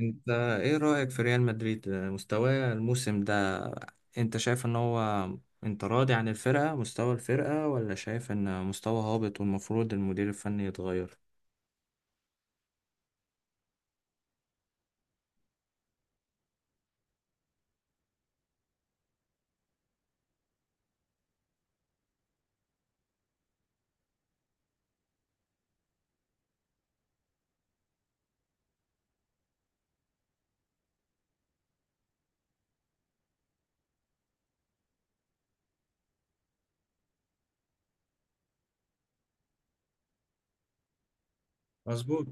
انت، ايه رأيك في ريال مدريد مستواه الموسم ده؟ انت شايف ان هو انت راضي عن الفرقة، مستوى الفرقة، ولا شايف ان مستوى هابط والمفروض المدير الفني يتغير؟ مظبوط.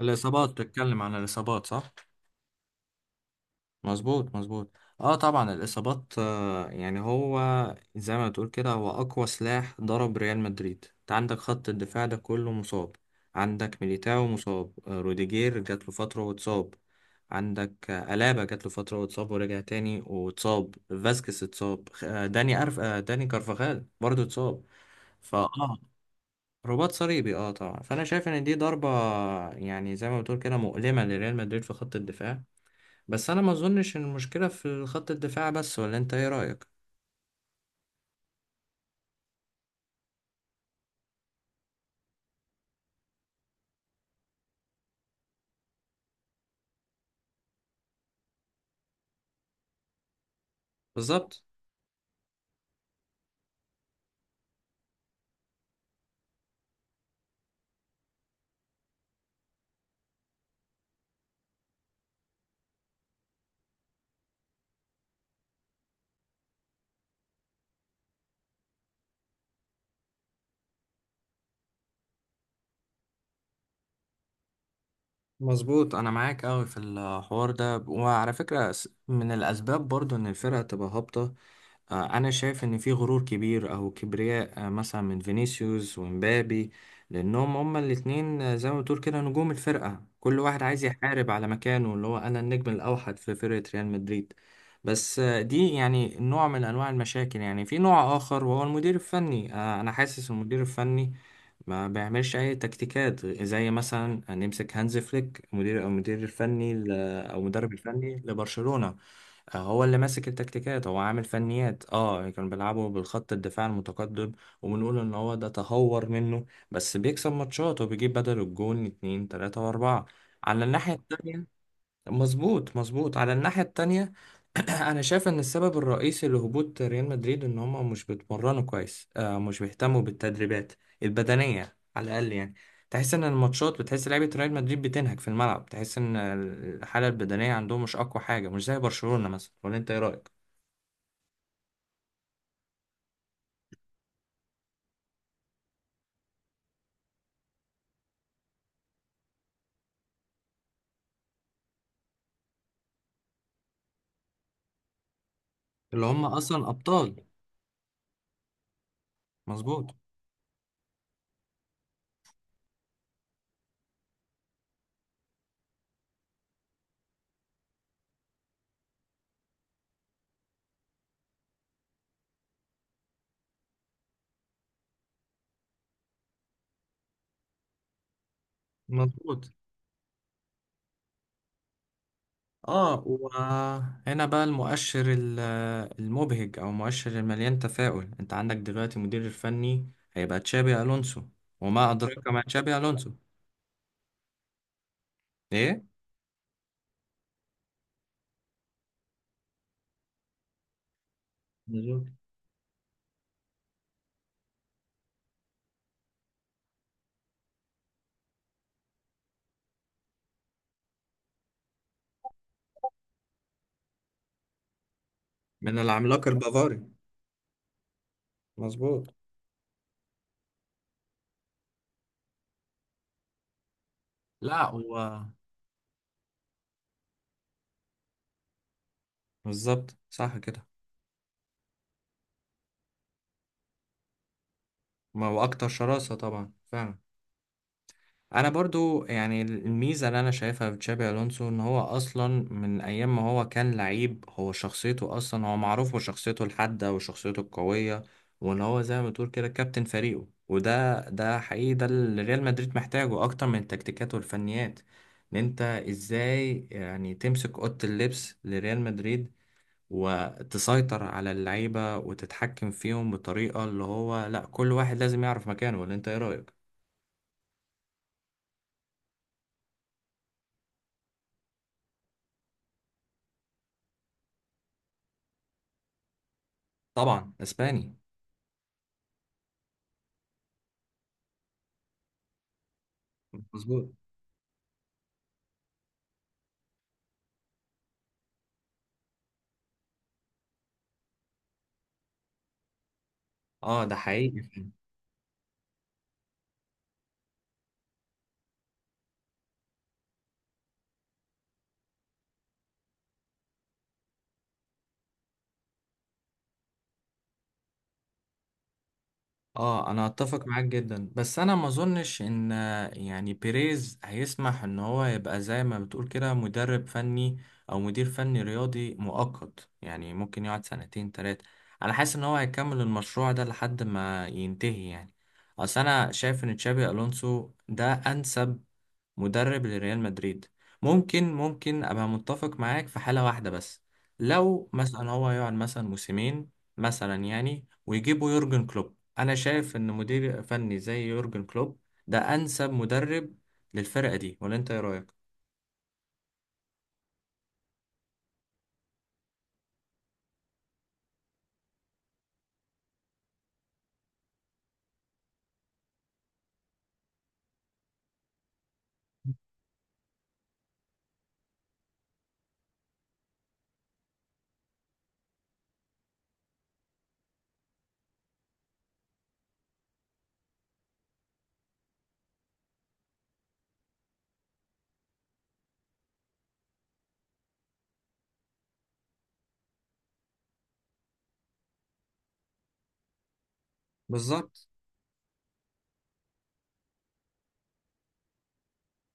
الإصابات، بتتكلم عن الإصابات صح؟ مظبوط مظبوط. اه طبعا الاصابات، يعني هو زي ما تقول كده هو اقوى سلاح ضرب ريال مدريد. انت عندك خط الدفاع ده كله مصاب، عندك ميليتاو مصاب، روديجير جات له فتره واتصاب، عندك الابا جات له فتره واتصاب ورجع تاني واتصاب، فاسكيز اتصاب، آه داني أرف آه داني كارفاخال برضه اتصاب. فاه رباط صليبي. اه طبعا، فانا شايف ان دي ضربه، يعني زي ما بتقول كده مؤلمه لريال مدريد في خط الدفاع. بس انا ما اظنش ان المشكله في خط الدفاع بس، ولا انت ايه رايك؟ بالظبط مظبوط. انا معاك قوي في الحوار ده، وعلى فكره من الاسباب برضو ان الفرقه تبقى هابطه، انا شايف ان في غرور كبير او كبرياء، مثلا من فينيسيوس ومبابي، لانهم هما الاتنين، زي ما بتقول كده نجوم الفرقة، كل واحد عايز يحارب على مكانه اللي هو انا النجم الاوحد في فرقة ريال مدريد. بس دي يعني نوع من انواع المشاكل. يعني في نوع اخر وهو المدير الفني، انا حاسس المدير الفني ما بيعملش اي تكتيكات. زي مثلا نمسك هانز فليك، مدير او المدير الفني او المدرب الفني لبرشلونة، هو اللي ماسك التكتيكات، هو عامل فنيات. اه كانوا بيلعبوا بالخط الدفاع المتقدم، وبنقول ان هو ده تهور منه، بس بيكسب ماتشات وبيجيب بدل الجون اتنين تلاتة واربعة على الناحية التانية. مظبوط مظبوط، على الناحية التانية. أنا شايف إن السبب الرئيسي لهبوط ريال مدريد إن هما مش بيتمرنوا كويس، مش بيهتموا بالتدريبات البدنية على الأقل. يعني تحس إن الماتشات بتحس لعيبة ريال مدريد بتنهك في الملعب، تحس إن الحالة البدنية عندهم مش أقوى حاجة، مش زي برشلونة مثلا، ولا أنت إيه رأيك؟ اللي هما أصلا أبطال. مظبوط مظبوط. اه وهنا بقى المؤشر المبهج، او المؤشر المليان تفاؤل، انت عندك دلوقتي المدير الفني هيبقى تشابي الونسو، وما ادراك ما تشابي الونسو. ايه. مظبوط. من العملاق البافاري. مظبوط. لا هو بالظبط صح كده. ما هو اكتر شراسة طبعا فعلا. انا برضو يعني الميزه اللي انا شايفها في تشابي الونسو، ان هو اصلا من ايام ما هو كان لعيب، هو شخصيته اصلا، هو معروف بشخصيته الحاده وشخصيته القويه، وان هو زي ما تقول كده كابتن فريقه، وده حقيقي، ده اللي ريال مدريد محتاجه اكتر من التكتيكات والفنيات. ان انت ازاي يعني تمسك اوضه اللبس لريال مدريد، وتسيطر على اللعيبه وتتحكم فيهم بطريقه اللي هو لا، كل واحد لازم يعرف مكانه. ولا انت ايه رايك؟ طبعا اسباني. مظبوط. اه ده حقيقي. اه انا اتفق معاك جدا، بس انا ما اظنش ان يعني بيريز هيسمح ان هو يبقى زي ما بتقول كده مدرب فني او مدير فني رياضي مؤقت، يعني ممكن يقعد سنتين تلاتة. انا حاسس ان هو هيكمل المشروع ده لحد ما ينتهي يعني. اصل انا شايف ان تشابي الونسو ده انسب مدرب لريال مدريد. ممكن ابقى متفق معاك في حالة واحدة بس، لو مثلا هو يقعد مثلا موسمين مثلا، يعني ويجيبوا يورجن كلوب. انا شايف ان مدير فني زي يورجن كلوب ده انسب مدرب للفرقة دي، ولا انت ايه رأيك؟ بالظبط.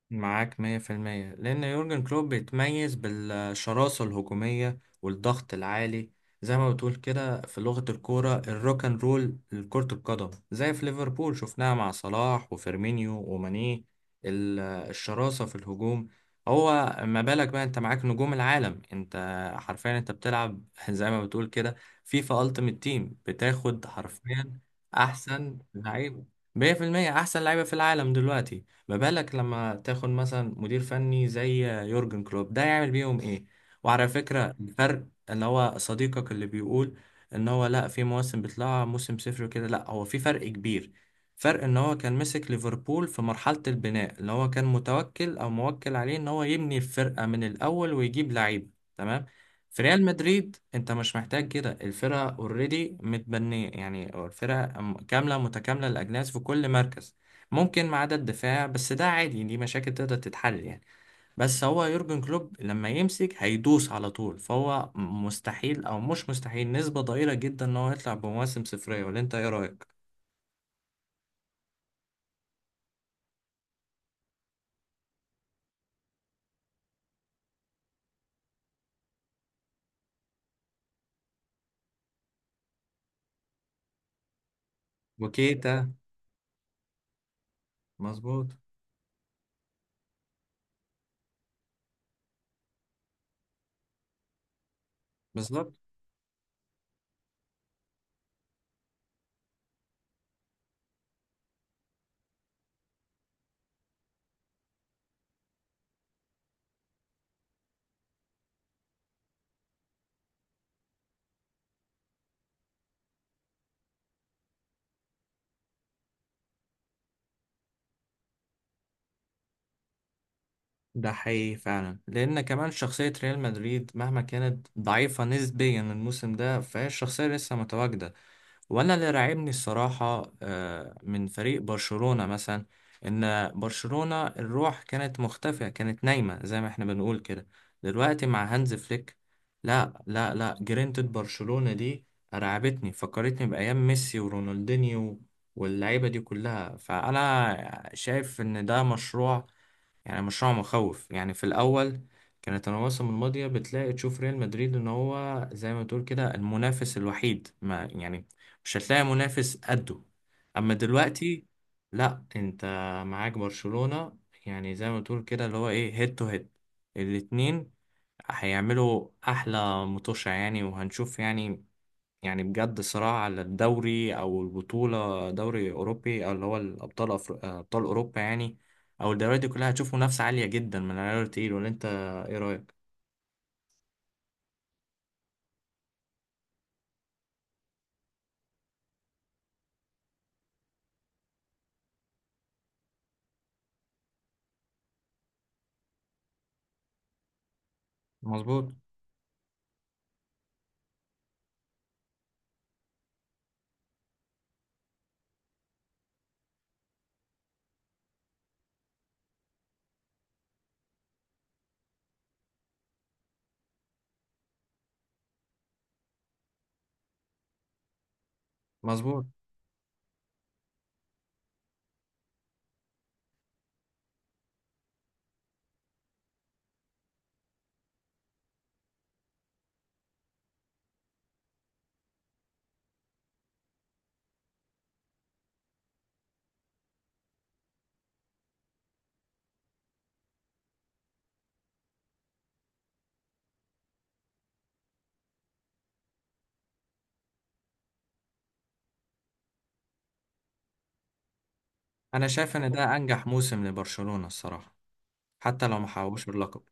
معاك مية في المية، لأن يورجن كلوب بيتميز بالشراسة الهجومية والضغط العالي، زي ما بتقول كده في لغة الكورة الروك اند رول لكرة القدم، زي في ليفربول شفناها مع صلاح وفيرمينيو وماني. ال- الشراسة في الهجوم، هو ما بالك بقى انت معاك نجوم العالم؟ انت حرفيا انت بتلعب زي ما بتقول كده فيفا التيمت تيم، بتاخد حرفيا احسن لعيبة. 100% احسن لعيبة في العالم دلوقتي. ما بالك لما تاخد مثلا مدير فني زي يورجن كلوب، ده يعمل بيهم ايه؟ وعلى فكرة الفرق، اللي هو صديقك اللي بيقول ان هو لا في مواسم بتطلع موسم صفر وكده، لا، هو في فرق كبير، فرق ان هو كان مسك ليفربول في مرحلة البناء، اللي هو كان متوكل او موكل عليه ان هو يبني الفرقة من الاول ويجيب لعيبة، تمام. في ريال مدريد انت مش محتاج كده، الفرقة اوريدي متبنية، يعني الفرقة كاملة متكاملة الاجناس في كل مركز، ممكن ما عدا الدفاع، بس ده عادي دي مشاكل تقدر تتحل يعني. بس هو يورجن كلوب لما يمسك هيدوس على طول، فهو مستحيل او مش مستحيل، نسبة ضئيلة جدا ان هو يطلع بمواسم صفرية، ولا انت ايه رأيك؟ وكيتا. مظبوط. بالظبط. ده حقيقي فعلا، لان كمان شخصية ريال مدريد مهما كانت ضعيفة نسبيا الموسم ده، فهي الشخصية لسه متواجدة. وانا اللي راعبني الصراحه، من فريق برشلونه مثلا، ان برشلونه الروح كانت مختفيه، كانت نايمه زي ما احنا بنقول كده. دلوقتي مع هانز فليك، لا لا لا، جرينتد برشلونه دي رعبتني، فكرتني بايام ميسي ورونالدينيو واللعيبه دي كلها. فانا شايف ان ده مشروع، يعني مشروع مخوف. يعني في الاول كانت المواسم الماضيه بتلاقي تشوف ريال مدريد ان هو زي ما تقول كده المنافس الوحيد، ما يعني مش هتلاقي منافس قده. اما دلوقتي لا، انت معاك برشلونه، يعني زي ما تقول كده اللي هو ايه، هيد تو هيد. الاتنين هيعملوا احلى متوشة يعني، وهنشوف يعني، يعني بجد صراع على الدوري او البطوله، دوري اوروبي او اللي هو الابطال ابطال اوروبا، يعني او الدوريات دي كلها. هتشوف منافسه عاليه جدا من العيار التقيل، ولا انت ايه رايك؟ مظبوط مظبوط. انا شايف ان ده انجح موسم لبرشلونه الصراحه، حتى لو ما حققوش اللقب.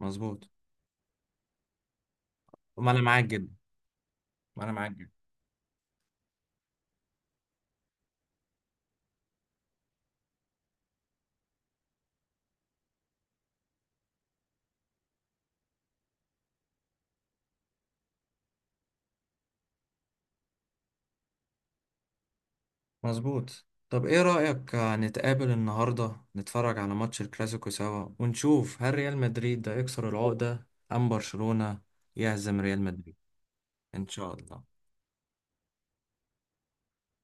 مظبوط. ما انا معاك جدا. ما انا معاك جدا. مظبوط. طب ايه رايك، نتقابل النهارده نتفرج على ماتش الكلاسيكو سوا، ونشوف هل ريال مدريد ده يكسر العقده، ام برشلونه يهزم ريال مدريد؟ ان شاء الله.